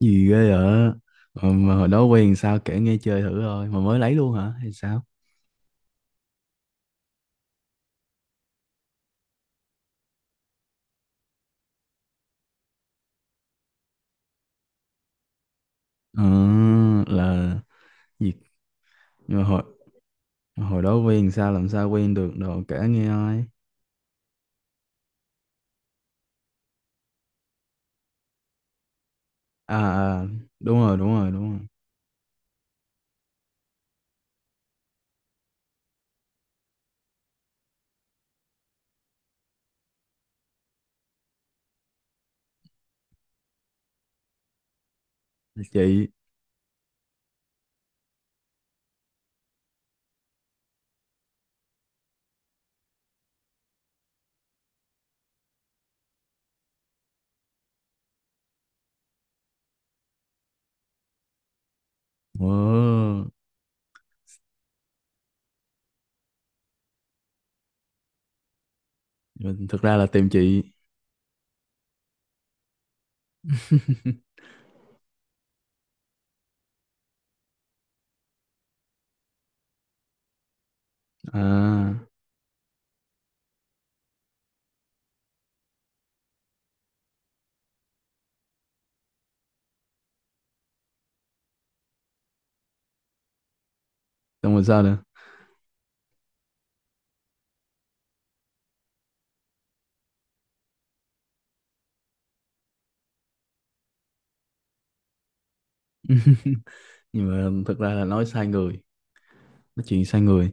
Gì ghê vậy. Mà hồi đó quen sao kể nghe chơi thử thôi mà mới lấy luôn hả hay sao? Ờ, là gì? Nhưng mà hồi hồi đó quen sao, làm sao quen được, đồ kể nghe ai. À, đúng rồi, đúng rồi, đúng rồi. Là chị. Ờ, mình thực ra là tìm chị. À, xong rồi sao nữa? Nhưng mà thực ra là nói sai người, nói chuyện sai người.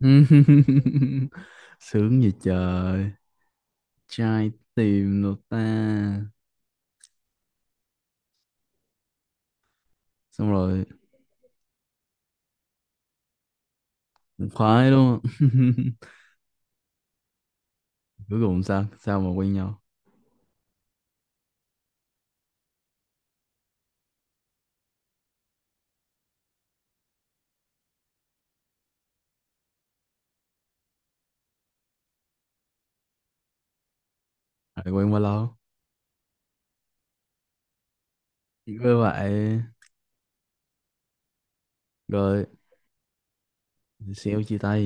Sướng gì trời, trai tìm được ta. Xong rồi cũng khoái đúng không? Cuối cùng sao, sao mà quen nhau, lại quen bao lâu, cứ vậy rồi xéo chia tay.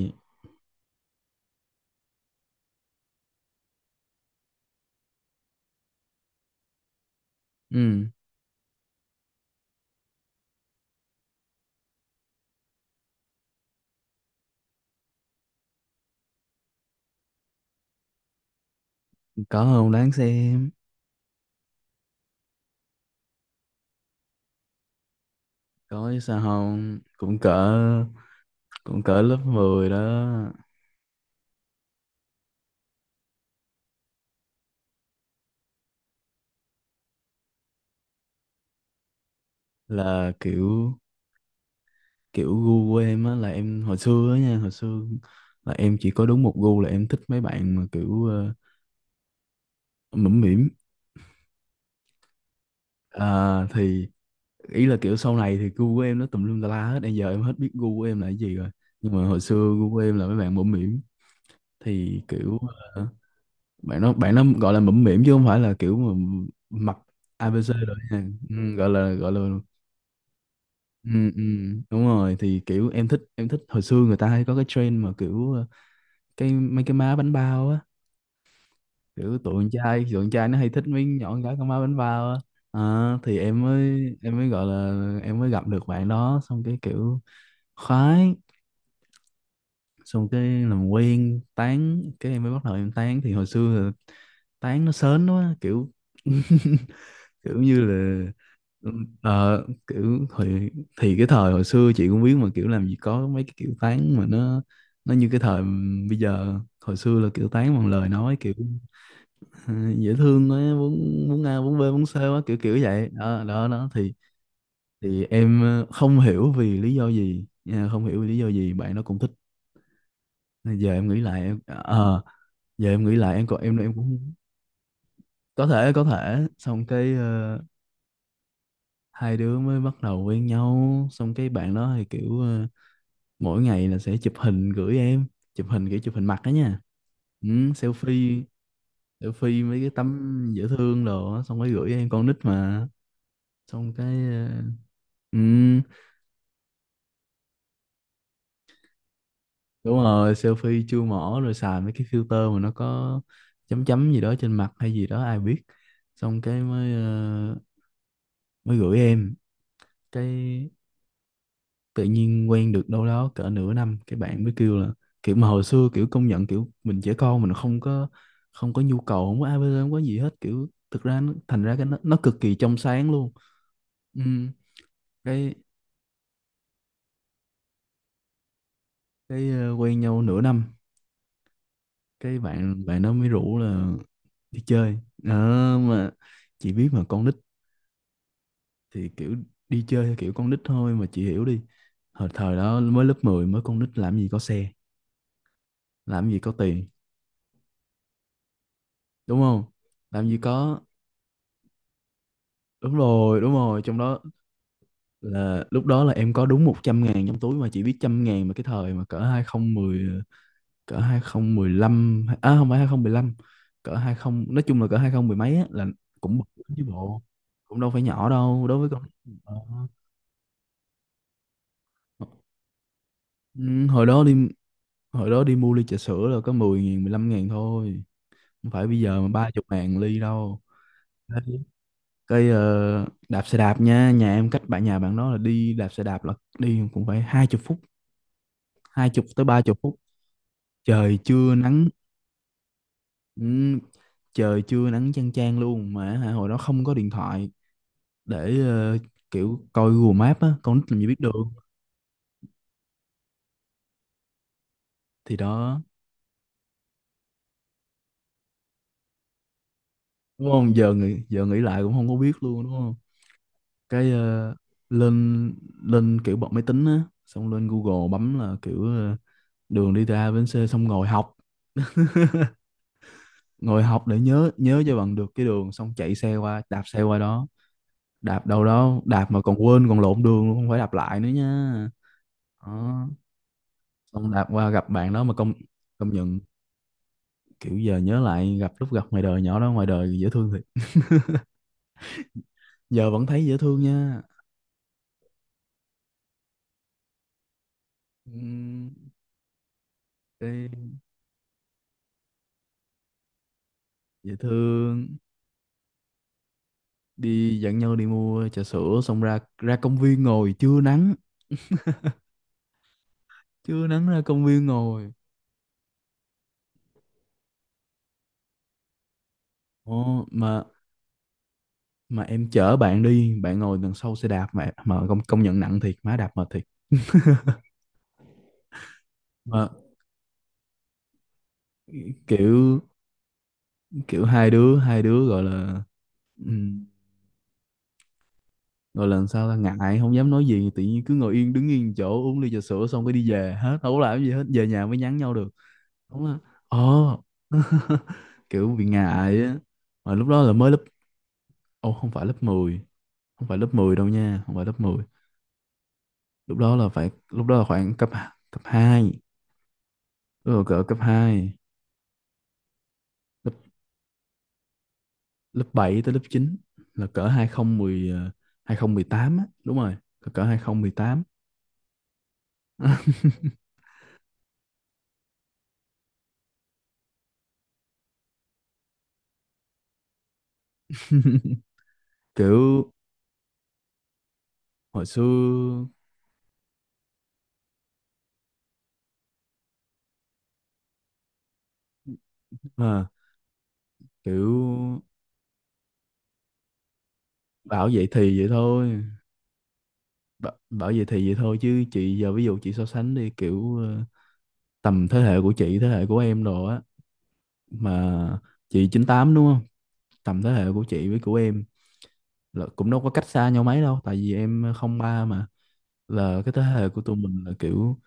Ừ, có không đáng xem. Có chứ sao không, cũng cỡ, cũng cỡ lớp 10 đó. Là kiểu Kiểu gu của em á, là em hồi xưa á nha, hồi xưa là em chỉ có đúng một gu, là em thích mấy bạn mà kiểu mũm mĩm. Thì ý là kiểu sau này thì gu của em nó tùm lum tà la hết, bây giờ em hết biết gu của em là cái gì rồi. Nhưng mà hồi xưa gu của em là mấy bạn bẩm mỉm, thì kiểu ờ, bạn nó gọi là bẩm mỉm chứ không phải là kiểu mà mặc ABC rồi nha. Ừ, gọi là. Ừ, ừ, đúng rồi, thì kiểu em thích hồi xưa người ta hay có cái trend mà kiểu cái mấy cái má bánh bao á, kiểu tụi con trai nó hay thích mấy nhỏ con gái con má bánh bao á. Ờ, thì em mới, em mới gọi là em mới gặp được bạn đó xong cái kiểu khoái. Xong cái làm quen tán, cái em mới bắt đầu em tán thì hồi xưa là tán nó sến quá kiểu. Kiểu như là kiểu thì cái thời hồi xưa chị cũng biết mà, kiểu làm gì có mấy cái kiểu tán mà nó như cái thời bây giờ. Hồi xưa là kiểu tán bằng lời nói, kiểu ờ, dễ thương quá, muốn muốn a muốn b muốn c quá, kiểu kiểu vậy đó, đó, đó. Thì em không hiểu vì lý do gì nha, không hiểu vì lý do gì bạn nó cũng thích. Giờ em nghĩ lại em, giờ em nghĩ lại em còn em cũng có thể, có thể. Xong cái hai đứa mới bắt đầu quen nhau, xong cái bạn đó thì kiểu mỗi ngày là sẽ chụp hình gửi em, chụp hình kiểu chụp hình mặt đó nha. Ừ, selfie, selfie mấy cái tấm dễ thương đồ á, xong cái gửi em, con nít mà. Xong cái ừ, đúng rồi, selfie chưa mỏ rồi xài mấy cái filter mà nó có chấm chấm gì đó trên mặt hay gì đó ai biết. Xong cái mới mới gửi em. Cái tự nhiên quen được đâu đó cỡ nửa năm cái bạn mới kêu là, kiểu mà hồi xưa kiểu công nhận kiểu mình trẻ con, mình không có, không có nhu cầu, không có ABC, không có gì hết, kiểu thực ra nó, thành ra cái nó cực kỳ trong sáng luôn. Ừ, cái cái quen nhau nửa năm, cái bạn bạn nó mới rủ là đi chơi. Ờ, mà chị biết mà con nít thì kiểu đi chơi theo kiểu con nít thôi mà, chị hiểu đi. Hồi thời đó mới lớp 10 mới con nít, làm gì có xe, làm gì có tiền, đúng không, làm gì có. Đúng rồi, đúng rồi, trong đó là lúc đó là em có đúng 100 ngàn trong túi mà, chỉ biết trăm ngàn mà, cái thời mà cỡ 2010, cỡ hai không một lăm, à không phải hai không một lăm, cỡ hai không, nói chung là cỡ 20 mười mấy á, là cũng bự lắm chứ bộ, cũng đâu phải nhỏ đâu đối với con. Ờ. Ừ, hồi đó đi mua ly trà sữa là có 10 ngàn, 15 ngàn thôi, không phải bây giờ mà ba chục ngàn ly đâu. Đấy. Cái đạp xe đạp nha, nhà em cách bạn, nhà bạn đó là đi đạp xe đạp là đi cũng phải hai chục phút, hai chục tới ba chục phút, trời chưa nắng. Ừ, trời chưa nắng chang chang luôn mà, hả, hồi đó không có điện thoại để kiểu coi Google Maps á, con nít làm gì biết đường. Thì đó, đúng không, giờ nghĩ, giờ nghĩ lại cũng không có biết luôn đúng không. Cái lên, lên kiểu bật máy tính á, xong lên Google bấm là kiểu đường đi từ A đến C, xong ngồi học, ngồi học để nhớ, nhớ cho bằng được cái đường xong chạy xe qua, đạp xe qua đó. Đạp đâu đó đạp mà còn quên còn lộn đường luôn, không phải đạp lại nữa nha. Đó, xong đạp qua gặp bạn đó mà công, công nhận kiểu giờ nhớ lại gặp, lúc gặp ngoài đời nhỏ đó ngoài đời dễ thương thiệt, giờ vẫn thấy dễ thương nha. Ừm, đi dễ thương, đi dẫn nhau đi mua trà sữa xong ra, ra công viên ngồi trưa nắng, trưa nắng ra công viên ngồi. Ồ, mà em chở bạn đi, bạn ngồi đằng sau xe đạp mà công, công nhận nặng thiệt má, đạp mệt thiệt. Mà kiểu kiểu hai đứa gọi là, ừ, rồi lần sau ta ngại không dám nói gì, tự nhiên cứ ngồi yên, đứng yên chỗ, uống ly trà sữa xong cái đi về hết, đâu có làm gì hết, về nhà mới nhắn nhau được. Đúng là, ồ. Kiểu bị ngại á, mà lúc đó là mới lớp, ồ không phải lớp mười, không phải lớp 10 đâu nha, không phải lớp mười. Lúc đó là phải, lúc đó là khoảng cấp, cấp hai, rồi cỡ cấp hai. Lớp, lớp 7 tới lớp chín, là cỡ 2010 2018 á, đúng rồi, cỡ hai không mười tám. Kiểu hồi xưa, à, kiểu bảo vậy thì vậy thôi. Bảo, bảo vậy thì vậy thôi chứ chị giờ ví dụ chị so sánh đi kiểu tầm thế hệ của chị, thế hệ của em đồ á, mà chị chín tám đúng không, tầm thế hệ của chị với của em là cũng đâu có cách xa nhau mấy đâu, tại vì em không ba mà, là cái thế hệ của tụi mình là kiểu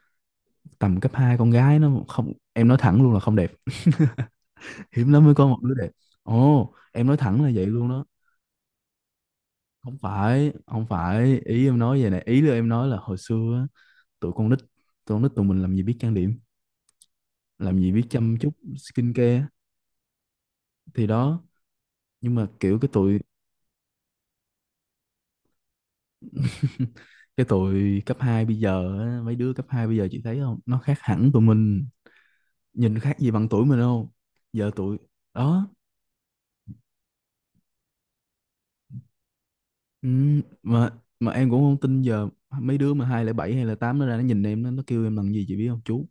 tầm cấp 2 con gái nó không, em nói thẳng luôn là không đẹp, hiếm lắm mới có một đứa đẹp. Ồ em nói thẳng là vậy luôn đó. Không phải, không phải, ý em nói vậy nè, ý là em nói là hồi xưa á, tụi con nít tụi con nít tụi mình làm gì biết trang điểm, làm gì biết chăm chút skincare á. Thì đó, nhưng mà kiểu cái tụi, cái tụi cấp 2 bây giờ á, mấy đứa cấp 2 bây giờ chị thấy không, nó khác hẳn tụi mình, nhìn khác gì bằng tuổi mình không. Giờ tụi, đó. Ừ, mà mà em cũng không tin, giờ mấy đứa mà hai lẻ bảy hay là tám nó ra nó nhìn em nó kêu em bằng gì chị biết không, chú.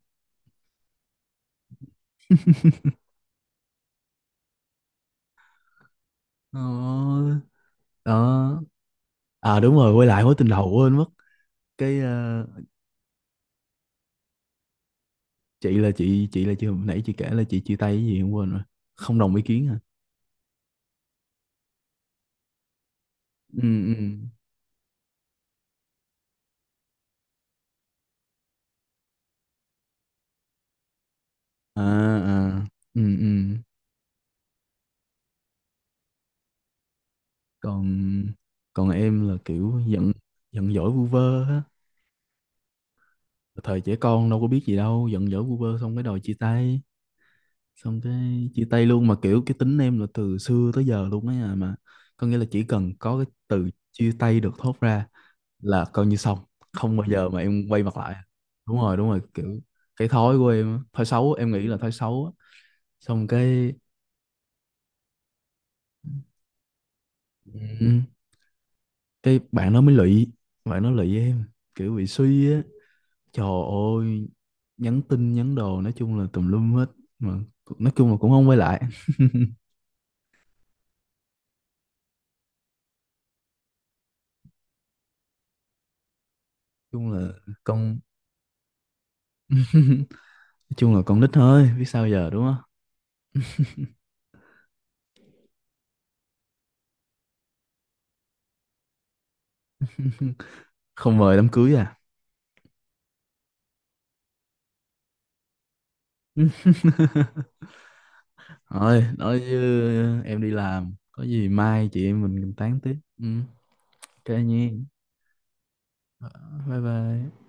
Ờ, đó. À đúng rồi, quay lại mối tình đầu quên mất. Cái chị là chị hồi nãy chị kể là chị chia tay cái gì em quên rồi, không đồng ý kiến hả. Ừ, ừ, à, à, ừ, ừ. Còn, còn em là kiểu giận, giận dỗi vu vơ á, thời trẻ con đâu có biết gì đâu, giận dỗi vu vơ xong cái đòi chia tay, xong cái chia tay luôn. Mà kiểu cái tính em là từ xưa tới giờ luôn á nhà, mà có nghĩa là chỉ cần có cái từ chia tay được thốt ra là coi như xong, không bao giờ mà em quay mặt lại. Đúng rồi, đúng rồi, kiểu cái thói của em á, thói xấu, em nghĩ là thói xấu á. Xong cái ừ, cái bạn nó mới lụy, bạn nó lụy em, kiểu bị suy á, trời ơi, nhắn tin, nhắn đồ, nói chung là tùm lum hết mà, nói chung là cũng không quay lại. Nói chung là con, nói chung là con nít thôi biết sao giờ đúng không. Không mời đám cưới à? Thôi nói chứ em đi làm, có gì mai chị em mình tán tiếp. Ừ, ok nha. Ờ, bye bye.